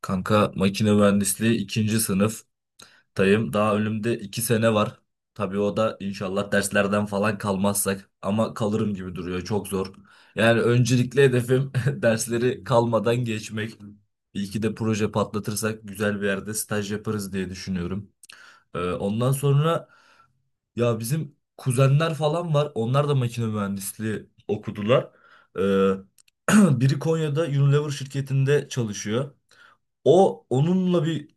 Kanka makine mühendisliği ikinci sınıftayım. Daha önümde iki sene var. Tabii o da inşallah derslerden falan kalmazsak ama kalırım gibi duruyor. Çok zor. Yani öncelikli hedefim dersleri kalmadan geçmek. İyi ki de proje patlatırsak güzel bir yerde staj yaparız diye düşünüyorum. Ondan sonra ya bizim kuzenler falan var. Onlar da makine mühendisliği okudular. Ee, Biri Konya'da Unilever şirketinde çalışıyor. Onunla bir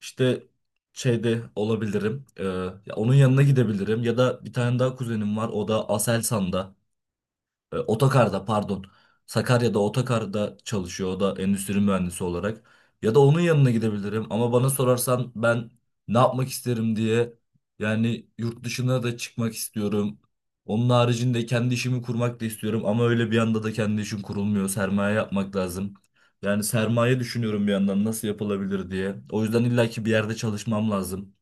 işte şeyde olabilirim. Ya onun yanına gidebilirim. Ya da bir tane daha kuzenim var. O da Aselsan'da. Otokar'da pardon. Sakarya'da Otokar'da çalışıyor o da endüstri mühendisi olarak. Ya da onun yanına gidebilirim ama bana sorarsan ben ne yapmak isterim diye yani yurt dışına da çıkmak istiyorum. Onun haricinde kendi işimi kurmak da istiyorum ama öyle bir anda da kendi işim kurulmuyor. Sermaye yapmak lazım. Yani sermaye düşünüyorum bir yandan nasıl yapılabilir diye. O yüzden illaki bir yerde çalışmam lazım.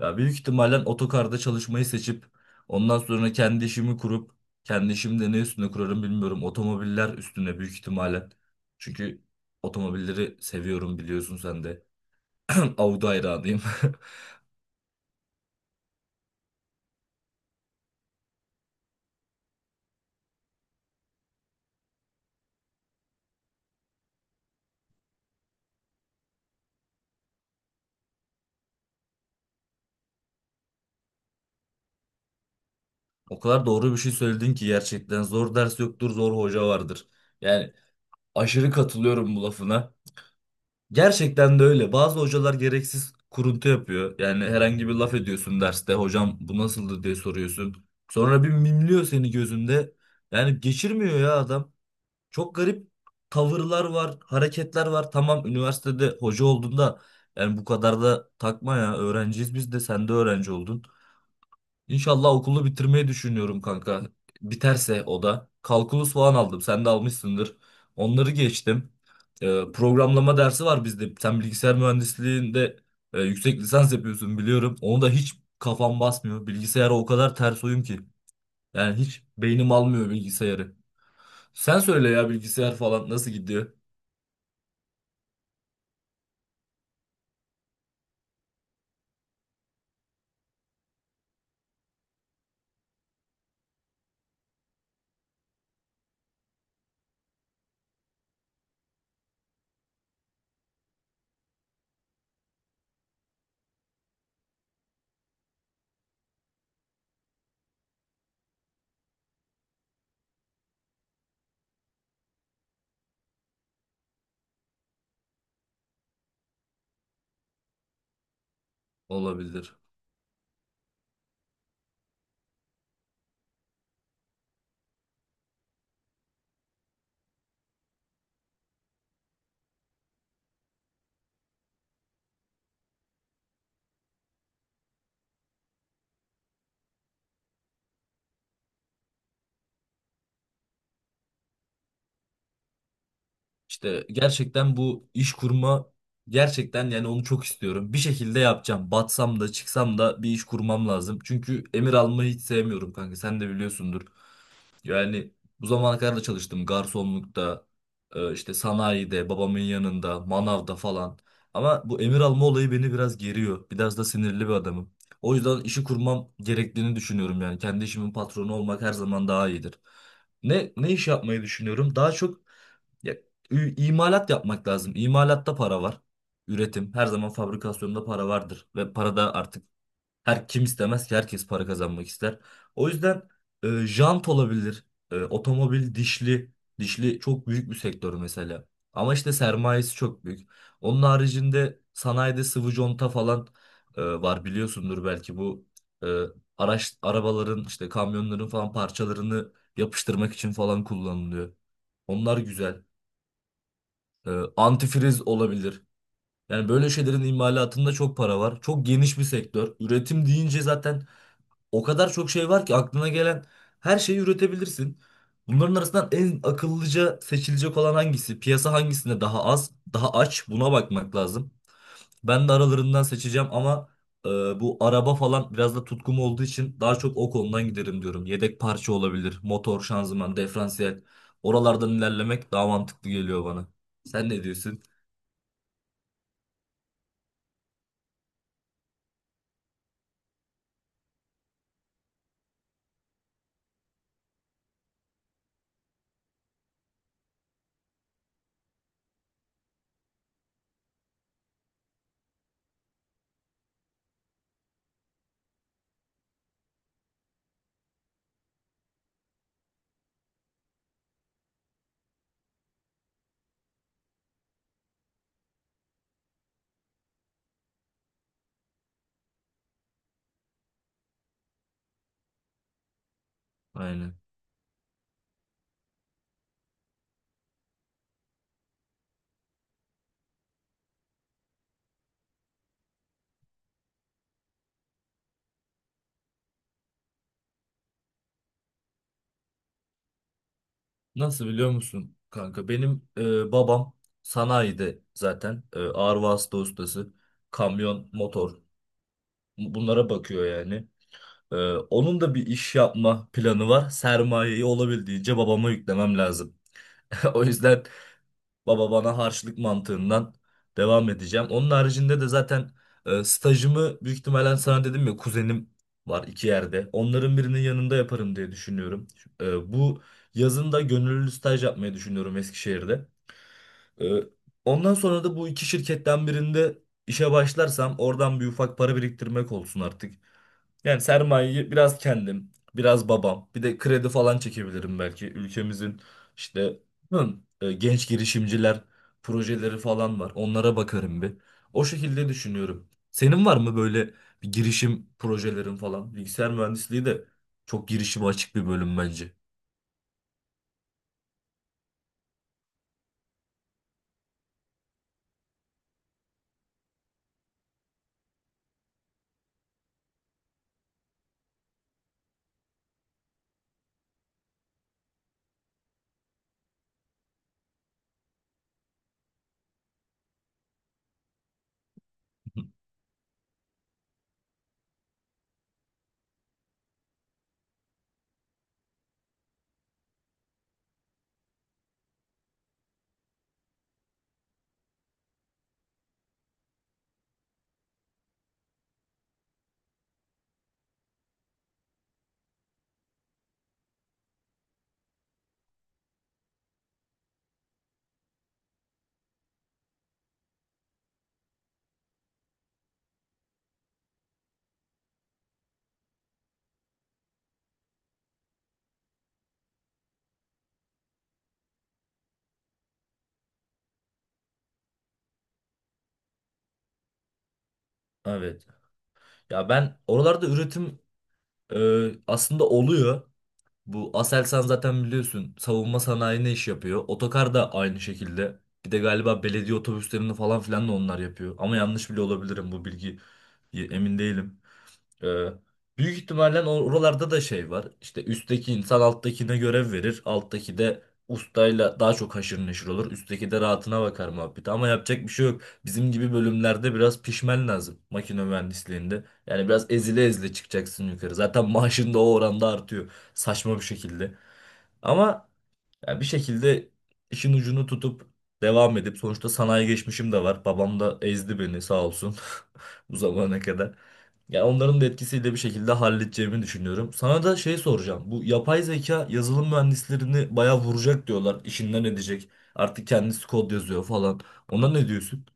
Ya büyük ihtimalle otokarda çalışmayı seçip ondan sonra kendi işimi kurup kendi işimi de ne üstüne kurarım bilmiyorum. Otomobiller üstüne büyük ihtimalle. Çünkü otomobilleri seviyorum biliyorsun sen de. Audi hayranıyım. O kadar doğru bir şey söyledin ki gerçekten zor ders yoktur, zor hoca vardır. Yani aşırı katılıyorum bu lafına. Gerçekten de öyle. Bazı hocalar gereksiz kuruntu yapıyor. Yani herhangi bir laf ediyorsun derste. Hocam bu nasıldı diye soruyorsun. Sonra bir mimliyor seni gözünde. Yani geçirmiyor ya adam. Çok garip tavırlar var, hareketler var. Tamam üniversitede hoca olduğunda yani bu kadar da takma ya. Öğrenciyiz biz de sen de öğrenci oldun. İnşallah okulu bitirmeyi düşünüyorum kanka. Biterse o da. Kalkulus falan aldım. Sen de almışsındır. Onları geçtim. Programlama dersi var bizde. Sen bilgisayar mühendisliğinde yüksek lisans yapıyorsun biliyorum. Onu da hiç kafam basmıyor. Bilgisayara o kadar ters uyum ki. Yani hiç beynim almıyor bilgisayarı. Sen söyle ya bilgisayar falan nasıl gidiyor? Olabilir. İşte gerçekten bu iş kurma gerçekten yani onu çok istiyorum. Bir şekilde yapacağım. Batsam da çıksam da bir iş kurmam lazım. Çünkü emir almayı hiç sevmiyorum kanka. Sen de biliyorsundur. Yani bu zamana kadar da çalıştım. Garsonlukta, işte sanayide, babamın yanında, manavda falan. Ama bu emir alma olayı beni biraz geriyor. Biraz da sinirli bir adamım. O yüzden işi kurmam gerektiğini düşünüyorum yani. Kendi işimin patronu olmak her zaman daha iyidir. Ne iş yapmayı düşünüyorum? Daha çok ya, imalat yapmak lazım. İmalatta para var. Üretim. Her zaman fabrikasyonda para vardır. Ve para da artık her kim istemez ki herkes para kazanmak ister. O yüzden jant olabilir. Otomobil dişli. Dişli çok büyük bir sektör mesela. Ama işte sermayesi çok büyük. Onun haricinde sanayide sıvı conta falan var biliyorsundur belki bu e, arabaların işte kamyonların falan parçalarını yapıştırmak için falan kullanılıyor. Onlar güzel e, antifriz olabilir. Yani böyle şeylerin imalatında çok para var. Çok geniş bir sektör. Üretim deyince zaten o kadar çok şey var ki aklına gelen her şeyi üretebilirsin. Bunların arasından en akıllıca seçilecek olan hangisi? Piyasa hangisinde daha az, daha aç? Buna bakmak lazım. Ben de aralarından seçeceğim ama e, bu araba falan biraz da tutkum olduğu için daha çok o konudan giderim diyorum. Yedek parça olabilir, motor, şanzıman, diferansiyel. Oralardan ilerlemek daha mantıklı geliyor bana. Sen ne diyorsun? Aynen. Nasıl biliyor musun kanka? Benim babam sanayide zaten ağır vasıta ustası. Kamyon, motor bunlara bakıyor yani. E, Onun da bir iş yapma planı var. Sermayeyi olabildiğince babama yüklemem lazım. O yüzden baba bana harçlık mantığından devam edeceğim. Onun haricinde de zaten stajımı büyük ihtimalle sana dedim ya kuzenim var iki yerde. Onların birinin yanında yaparım diye düşünüyorum. Bu yazın da gönüllü staj yapmayı düşünüyorum Eskişehir'de. Ee, Ondan sonra da bu iki şirketten birinde işe başlarsam oradan bir ufak para biriktirmek olsun artık. Yani sermayeyi biraz kendim, biraz babam, bir de kredi falan çekebilirim belki. Ülkemizin işte hı, genç girişimciler projeleri falan var. Onlara bakarım bir. O şekilde düşünüyorum. Senin var mı böyle bir girişim projelerin falan? Bilgisayar mühendisliği de çok girişime açık bir bölüm bence. Evet. Ya ben oralarda üretim aslında oluyor. Bu Aselsan zaten biliyorsun savunma sanayi ne iş yapıyor. Otokar da aynı şekilde. Bir de galiba belediye otobüslerini falan filan da onlar yapıyor. Ama yanlış bile olabilirim bu bilgi emin değilim. Ee, Büyük ihtimalle oralarda da şey var. İşte üstteki insan alttakine görev verir. Alttaki de ustayla daha çok haşır neşir olur. Üstteki de rahatına bakar muhabbeti. Ama yapacak bir şey yok. Bizim gibi bölümlerde biraz pişmen lazım. Makine mühendisliğinde. Yani biraz ezile ezile çıkacaksın yukarı. Zaten maaşın da o oranda artıyor. Saçma bir şekilde. Ama yani bir şekilde işin ucunu tutup devam edip sonuçta sanayi geçmişim de var. Babam da ezdi beni sağ olsun bu zamana kadar. Ya onların da etkisiyle bir şekilde halledeceğimi düşünüyorum. Sana da şey soracağım. Bu yapay zeka yazılım mühendislerini bayağı vuracak diyorlar. İşinden edecek. Artık kendisi kod yazıyor falan. Ona ne diyorsun?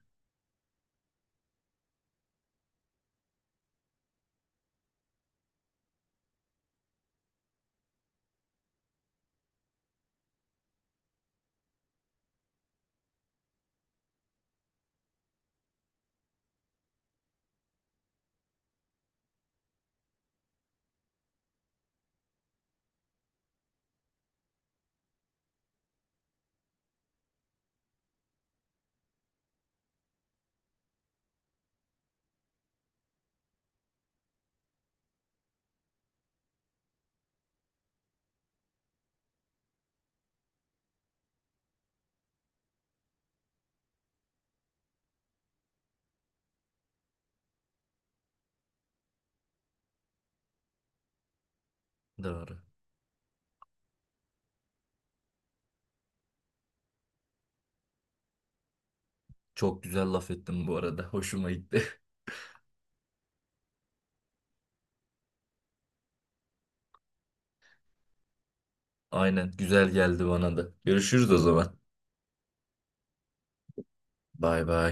Doğru. Çok güzel laf ettim bu arada. Hoşuma gitti. Aynen güzel geldi bana da. Görüşürüz o zaman. Bay bay.